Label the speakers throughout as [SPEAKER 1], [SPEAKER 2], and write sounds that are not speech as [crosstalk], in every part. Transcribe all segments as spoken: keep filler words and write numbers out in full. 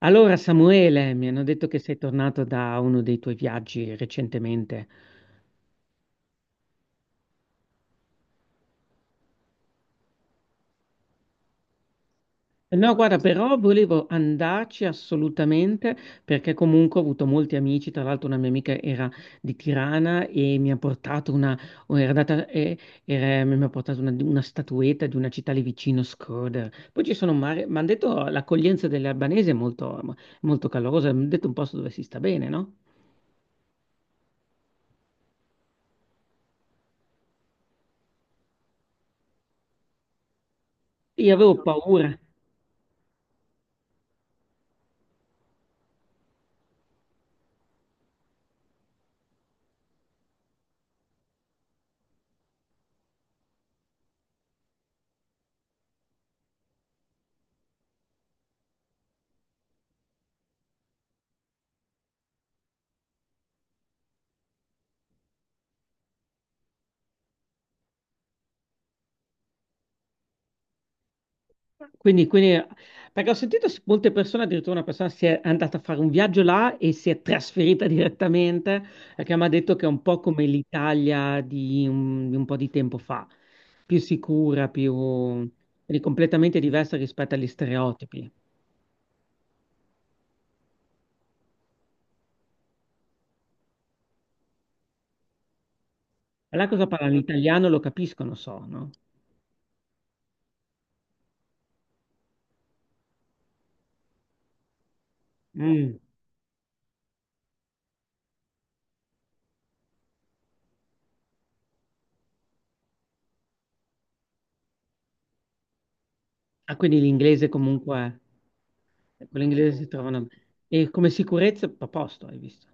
[SPEAKER 1] Allora, Samuele, mi hanno detto che sei tornato da uno dei tuoi viaggi recentemente. No, guarda, però volevo andarci assolutamente perché comunque ho avuto molti amici, tra l'altro una mia amica era di Tirana e mi ha portato una, o era data- eh, era- mi ha portato una, una statuetta di una città lì vicino, Shkodër. Poi ci sono, mi hanno detto l'accoglienza delle albanesi è molto, molto calorosa, mi hanno detto un posto dove si sta bene, no? Io avevo paura. Quindi, quindi- perché ho sentito s- molte persone, addirittura una persona si è andata a fare un viaggio là e si è trasferita [laughs] direttamente, perché mi ha detto che è un po' come l'Italia di un, di un po' di tempo fa, più sicura, più quindi completamente diversa rispetto agli stereotipi. E là cosa parlano? L'italiano lo capiscono, so, no? Mm. Ah, quindi l'inglese comunque, con l'inglese si trovano... E come sicurezza, a posto, hai visto?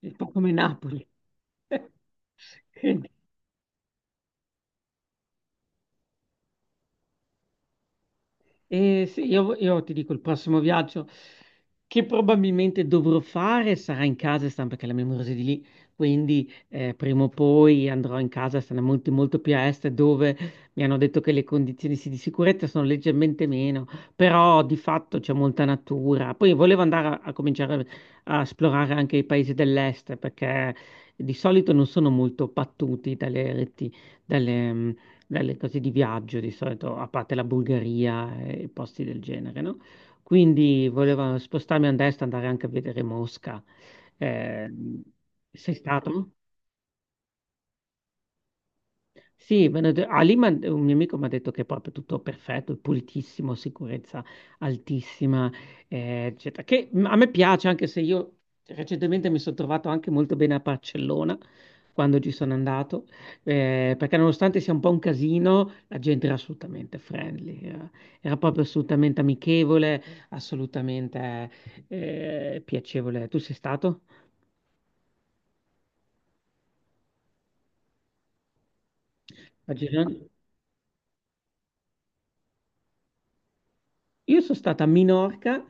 [SPEAKER 1] È un po' come Napoli. [laughs] Quindi- E se io, io ti dico, il prossimo viaggio che probabilmente dovrò fare sarà in casa, Stan, perché la mia amorosa è di lì, quindi eh, prima o poi andrò in casa, sarà molto, molto più a est, dove mi hanno detto che le condizioni sì, di sicurezza sono leggermente meno, però di fatto c'è molta natura. Poi volevo andare a, a cominciare a esplorare anche i paesi dell'est, perché di solito non sono molto battuti dalle reti, dalle cose di viaggio di solito, a parte la Bulgaria e posti del genere, no? Quindi volevo spostarmi a destra, andare anche a vedere Mosca. Eh, sei stato? Sì, me ne de- Ali, m'ha- un mio amico mi ha detto che è proprio tutto perfetto, pulitissimo, sicurezza altissima, eh, eccetera. Che mm, a me piace, anche se io recentemente mi sono trovato anche molto bene a Barcellona quando ci sono andato, eh, perché nonostante sia un po' un casino, la gente era assolutamente friendly, eh, era proprio assolutamente amichevole, assolutamente eh, piacevole. Tu sei stato a Girona? Io sono stata a Minorca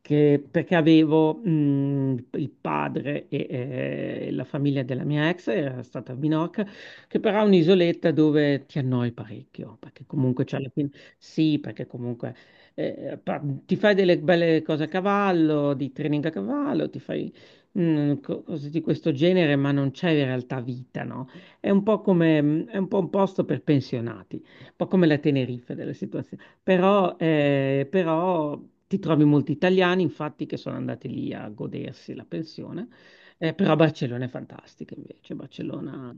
[SPEAKER 1] che- perché avevo mh, il padre e eh, la famiglia della mia ex era stata a Minorca, che però è un'isoletta dove ti annoi parecchio, perché comunque c'è la fin- Sì, perché comunque eh, pa- ti fai delle belle cose a cavallo, di training a cavallo, ti fai mh, co- cose di questo genere, ma non c'è in realtà vita, no? È un po' come, mm, è un po' un posto per pensionati, un po' come la Tenerife della situazione. Però, eh, però ti trovi molti italiani, infatti, che sono andati lì a godersi la pensione. Eh, però Barcellona è fantastica invece. Barcellona,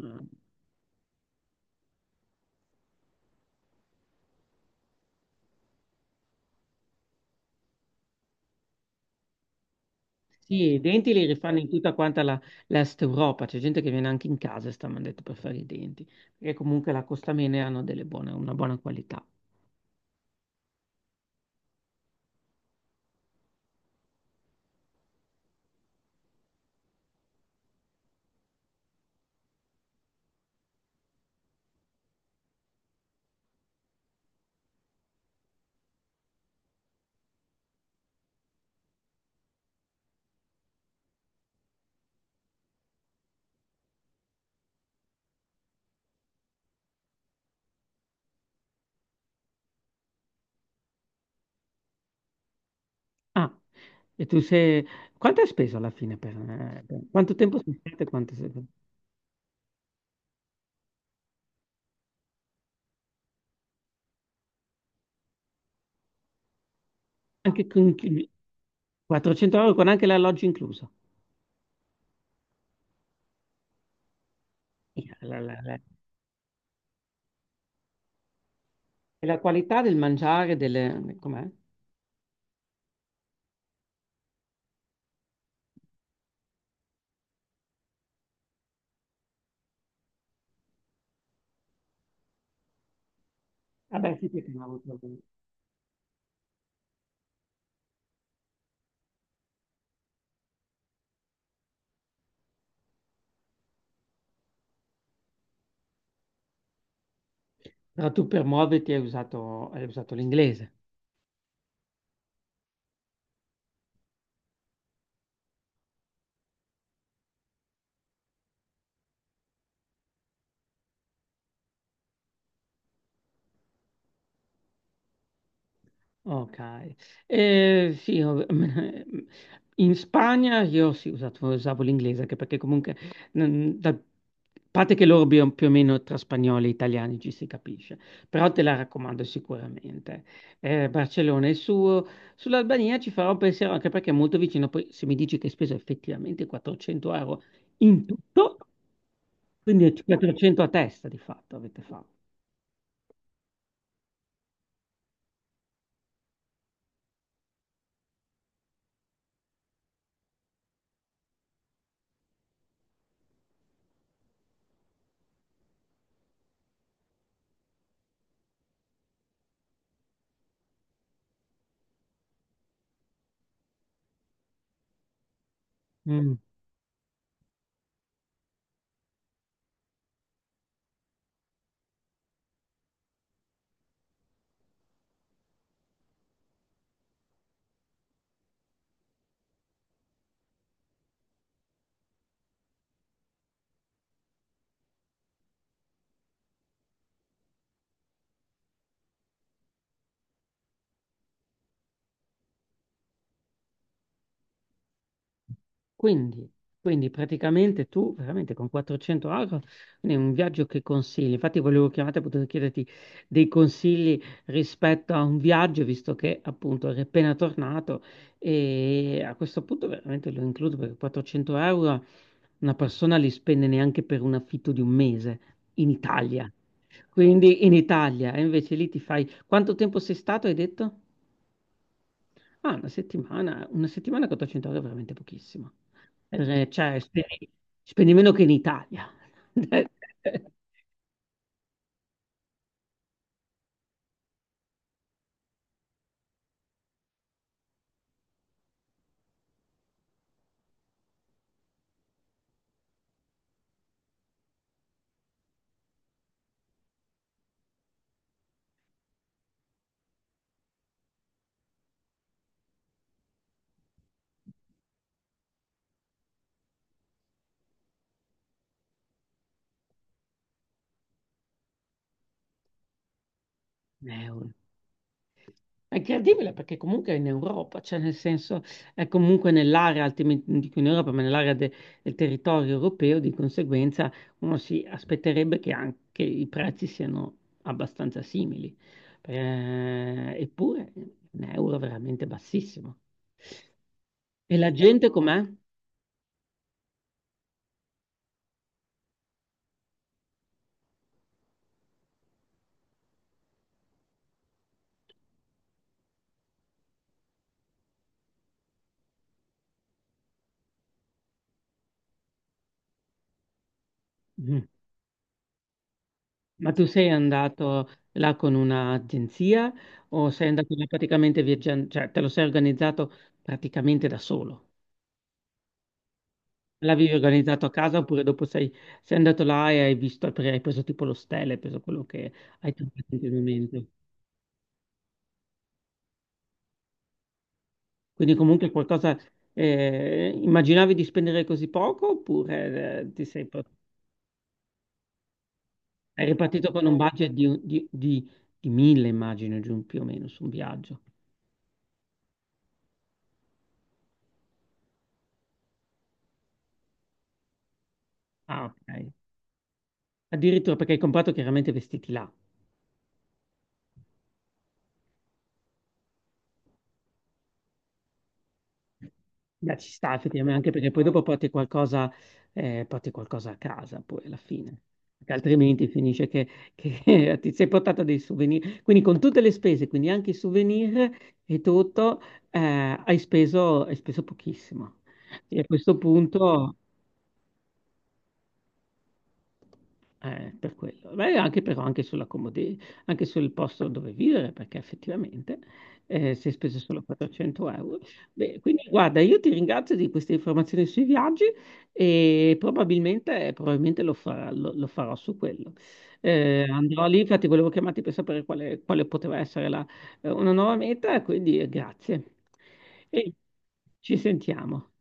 [SPEAKER 1] sì, i denti li rifanno in tutta quanta la- l'Est Europa. C'è gente che viene anche in casa, e sta mandando per fare i denti, perché comunque la costa bene hanno delle buone, una buona qualità. Ah, e tu sei... Quanto hai speso alla fine per... eh, per- Quanto tempo sei stato e quanto sei... Anche con quattrocento euro con anche l'alloggio incluso. E la qualità del mangiare, delle... com'è? Vabbè, sì, perché non avevo trovato. Però tu per muoverti hai usato, hai usato l'inglese. Ok, Eh, sì, ov- [laughs] in Spagna io sì, usato- usavo l'inglese anche perché comunque, mm, da- a parte che loro bio- più o meno tra spagnoli e italiani ci si capisce, però te la raccomando sicuramente. Eh, Barcellona è il suo, sull'Albania ci farò un pensiero anche perché è molto vicino, poi se mi dici che hai speso effettivamente quattrocento euro in tutto, quindi quattrocento a testa di fatto avete fatto. Quindi, quindi praticamente tu veramente con quattrocento euro, quindi è un viaggio che consigli. Infatti volevo chiamarti per poter chiederti dei consigli rispetto a un viaggio, visto che appunto eri appena tornato e a questo punto veramente lo includo perché quattrocento euro una persona li spende neanche per un affitto di un mese in Italia. Quindi in Italia, e invece lì ti fai... Quanto tempo sei stato, hai detto? Ah, una settimana, una settimana quattrocento euro è veramente pochissimo. Eh, Cioè, spendi, spendi meno che in Italia. [laughs] Eh, un euro. È incredibile perché comunque è in Europa, cioè nel senso è comunque nell'area, altrimenti non dico in Europa, ma nell'area de- del territorio europeo, di conseguenza uno si aspetterebbe che anche i prezzi siano abbastanza simili. Eh, eppure è un euro veramente bassissimo. E la gente com'è? Mm. Ma tu sei andato là con un'agenzia o sei andato là praticamente viaggiando, cioè te lo sei organizzato praticamente da solo? L'avevi organizzato a casa oppure dopo sei, sei andato là e hai visto, perché hai preso tipo l'ostello, hai preso quello che hai trovato in quel momento. Quindi comunque qualcosa, eh, immaginavi di spendere così poco oppure eh, ti sei, pro- hai ripartito con un budget di, un- di, di, di mille, immagino, giù più o meno su un viaggio? Ah, ok. Addirittura perché hai comprato chiaramente vestiti là. Beh, ci sta effettivamente, anche perché poi dopo porti qualcosa, eh, porti qualcosa a casa poi alla fine, perché altrimenti finisce che, che [laughs] ti sei portato dei souvenir. Quindi con tutte le spese, quindi anche i souvenir e tutto, eh, hai speso, hai speso pochissimo. E a questo punto Eh, per quello. Beh, anche però anche sulla comodità, anche sul posto dove vivere, perché effettivamente eh, si è speso solo quattrocento euro. Beh, quindi guarda, io ti ringrazio di queste informazioni sui viaggi e probabilmente, probabilmente lo farà- lo- lo farò su quello. Eh, andrò lì, infatti volevo chiamarti per sapere quale, quale poteva essere la- eh, una nuova meta, quindi eh, grazie. E ci sentiamo.